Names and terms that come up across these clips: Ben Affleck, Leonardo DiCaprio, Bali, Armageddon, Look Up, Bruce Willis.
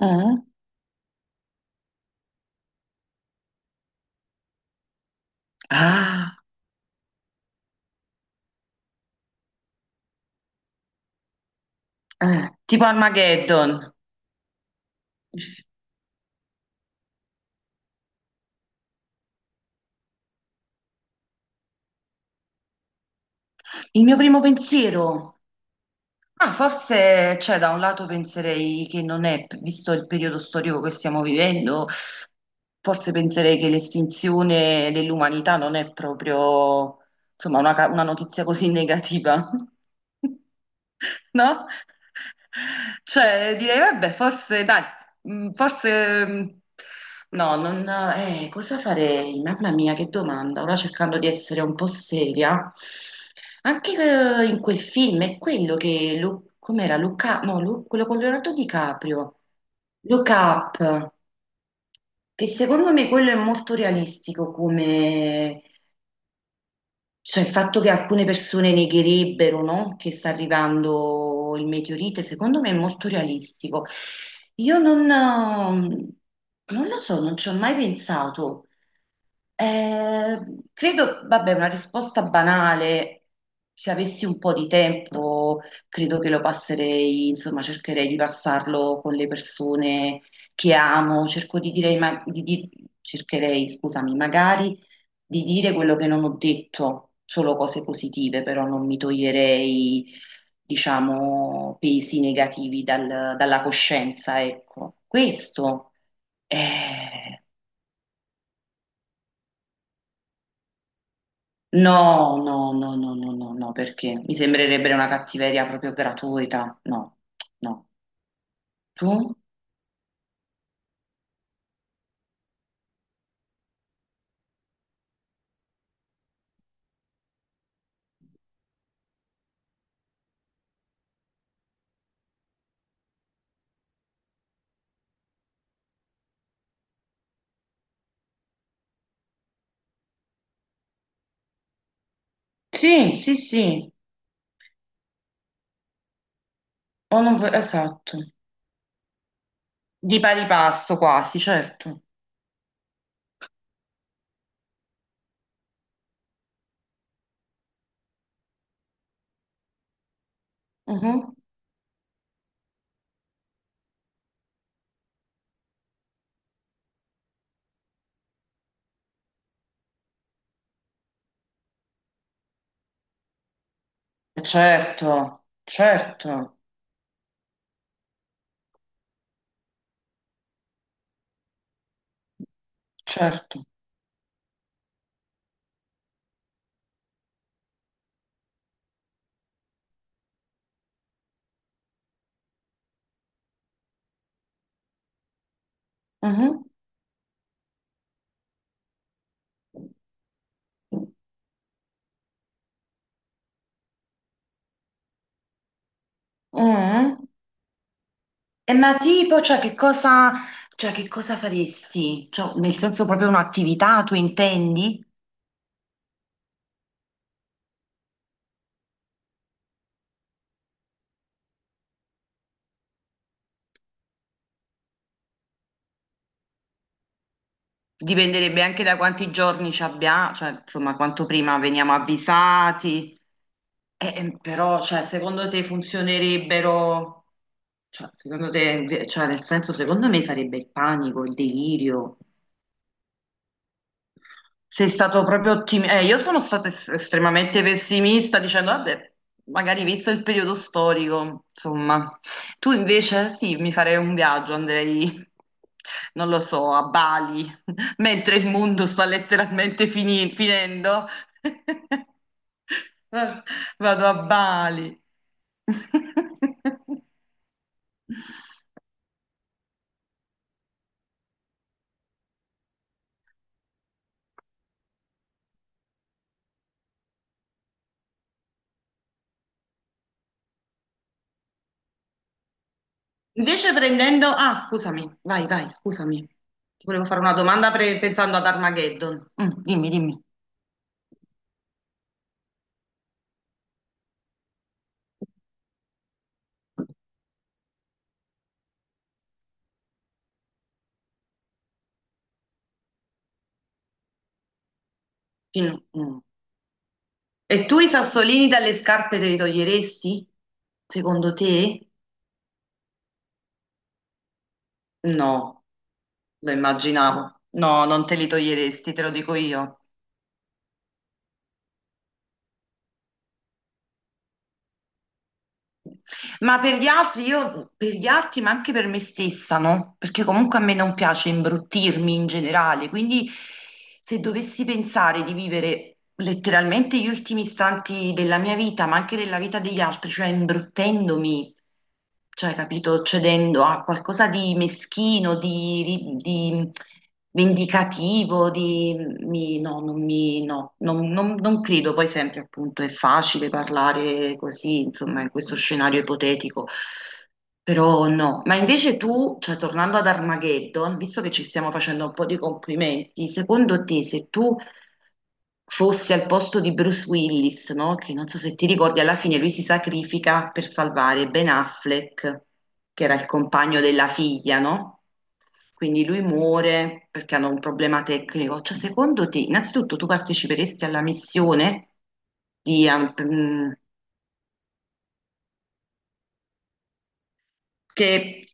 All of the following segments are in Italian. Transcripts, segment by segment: Eh? Ah, tipo Armageddon. Il mio primo pensiero. Ah, forse, cioè, da un lato penserei che non è, visto il periodo storico che stiamo vivendo, forse penserei che l'estinzione dell'umanità non è proprio, insomma, una notizia così negativa. no? Cioè, direi, vabbè, forse, dai, forse, no, non, cosa farei? Mamma mia, che domanda. Ora cercando di essere un po' seria. Anche in quel film è quello che, com'era, Luca, no, quello con Leonardo DiCaprio, Look Up, che secondo me quello è molto realistico come, cioè il fatto che alcune persone negherebbero, no, che sta arrivando il meteorite, secondo me è molto realistico. Io non lo so, non ci ho mai pensato. Eh, credo, vabbè, una risposta banale, se avessi un po' di tempo, credo che lo passerei, insomma, cercherei di passarlo con le persone che amo, cerco di dire, cercherei, scusami, magari di dire quello che non ho detto, solo cose positive, però non mi toglierei, diciamo, pesi negativi dalla coscienza, ecco. Questo eh, No, no, no, no, no, no, no, perché mi sembrerebbe una cattiveria proprio gratuita. No, no. Tu? Sì, sì, sì. O non vuoi- Esatto. Di pari passo quasi, certo. Mhm. Certo, certo, certo. Mhm. Mm? E ma tipo, cioè, che cosa faresti? Cioè, nel senso proprio un'attività, tu intendi? Dipenderebbe anche da quanti giorni ci abbiamo, cioè insomma quanto prima veniamo avvisati. Però, cioè, secondo te funzionerebbero, cioè, secondo te, cioè, nel senso, secondo me sarebbe il panico, il delirio. Sei stato proprio ottimista. Io sono stata estremamente pessimista dicendo, vabbè, magari visto il periodo storico, insomma. Tu invece sì, mi farei un viaggio, andrei, non lo so, a Bali, mentre il mondo sta letteralmente finendo. Vado a Bali. Invece prendendo... Ah, scusami, vai, vai, scusami. Ti volevo fare una domanda pensando ad Armageddon. Dimmi, dimmi. Film- mm. E tu i sassolini dalle scarpe te li toglieresti? Secondo te? No, lo immaginavo. No, non te li toglieresti, te lo dico io. Ma per gli altri, io per gli altri, ma anche per me stessa, no? Perché comunque a me non piace imbruttirmi in generale, quindi se dovessi pensare di vivere letteralmente gli ultimi istanti della mia vita, ma anche della vita degli altri, cioè imbruttendomi, cioè, capito, cedendo a qualcosa di meschino, di vendicativo, di no, non mi, no, non credo. Poi sempre, appunto, è facile parlare così, insomma, in questo scenario ipotetico. Però no, ma invece tu, cioè tornando ad Armageddon, visto che ci stiamo facendo un po' di complimenti, secondo te se tu fosse al posto di Bruce Willis, no? Che non so se ti ricordi, alla fine lui si sacrifica per salvare Ben Affleck, che era il compagno della figlia, no? Quindi lui muore perché hanno un problema tecnico. Cioè, secondo te, innanzitutto tu parteciperesti alla missione di, che,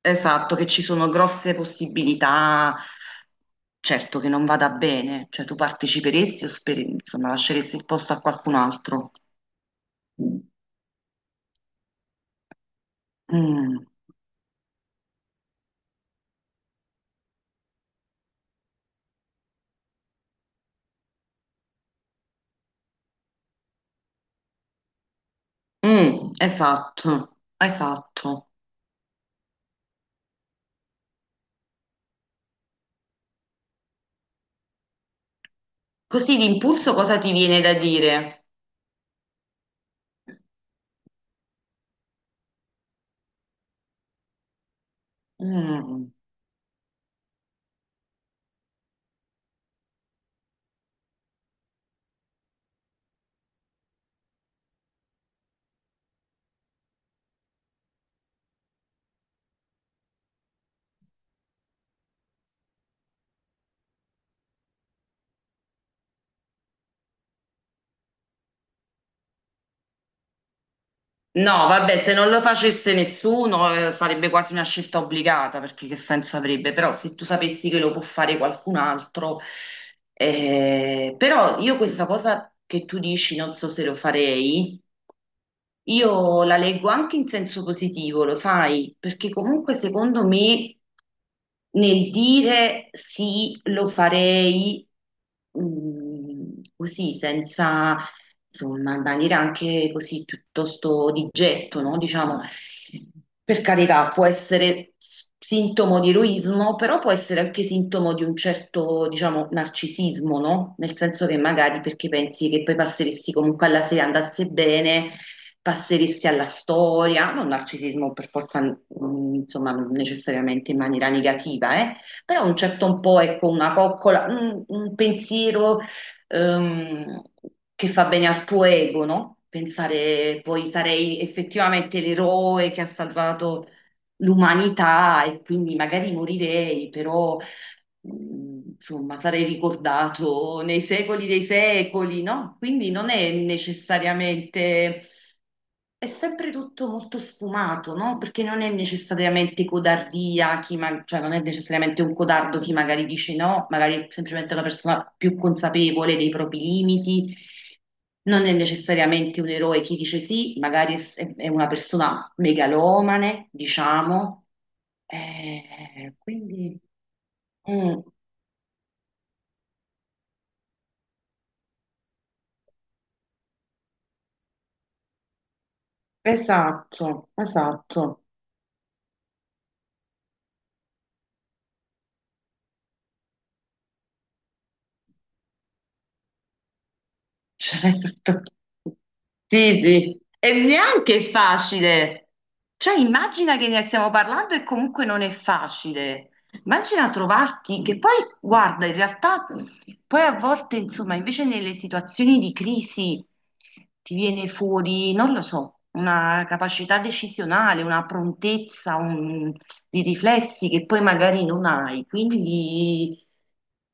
esatto, che ci sono grosse possibilità, certo che non vada bene, cioè tu parteciperesti o insomma, lasceresti il posto a qualcun altro? Mm, mm, esatto, esatto. Così d'impulso cosa ti viene da dire? Mm. No, vabbè, se non lo facesse nessuno, sarebbe quasi una scelta obbligata, perché che senso avrebbe? Però se tu sapessi che lo può fare qualcun altro, però io questa cosa che tu dici, non so se lo farei, io la leggo anche in senso positivo, lo sai, perché comunque secondo me nel dire sì, lo farei, così, senza, insomma, in maniera anche così piuttosto di getto, no? Diciamo, per carità, può essere sintomo di eroismo, però può essere anche sintomo di un certo, diciamo, narcisismo, no? Nel senso che magari perché pensi che poi passeresti comunque alla se andasse bene passeristi alla storia, non narcisismo per forza, insomma, non necessariamente in maniera negativa, però un certo un po', ecco, una coccola, un pensiero, ehm, che fa bene al tuo ego, no? Pensare poi sarei effettivamente l'eroe che ha salvato l'umanità e quindi magari morirei, però insomma sarei ricordato nei secoli dei secoli, no? Quindi non è necessariamente è sempre tutto molto sfumato, no? Perché non è necessariamente codardia, chi cioè non è necessariamente un codardo chi magari dice no, magari è semplicemente una persona più consapevole dei propri limiti, non è necessariamente un eroe chi dice sì, magari è una persona megalomane, diciamo. Quindi, mm, esatto, esatto. Certo. Sì, sì. E neanche è facile. Cioè, immagina che ne stiamo parlando e comunque non è facile. Immagina trovarti, che poi, guarda, in realtà, poi a volte, insomma, invece nelle situazioni di crisi ti viene fuori, non lo so, una capacità decisionale, una prontezza, di riflessi che poi magari non hai. Quindi...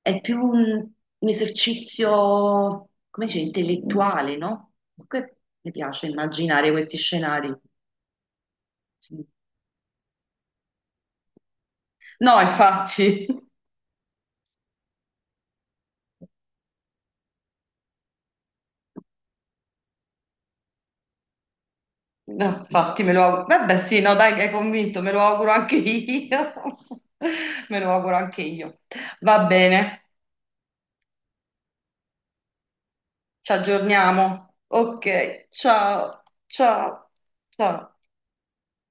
È più un esercizio, come dice, intellettuale, no? Comunque mi piace immaginare questi scenari. Sì. No, infatti, no, infatti me lo auguro. Vabbè, sì, no, dai, che hai convinto, me lo auguro anche io. Me lo auguro anche io. Va bene, ci aggiorniamo. Ok, ciao, ciao, ciao.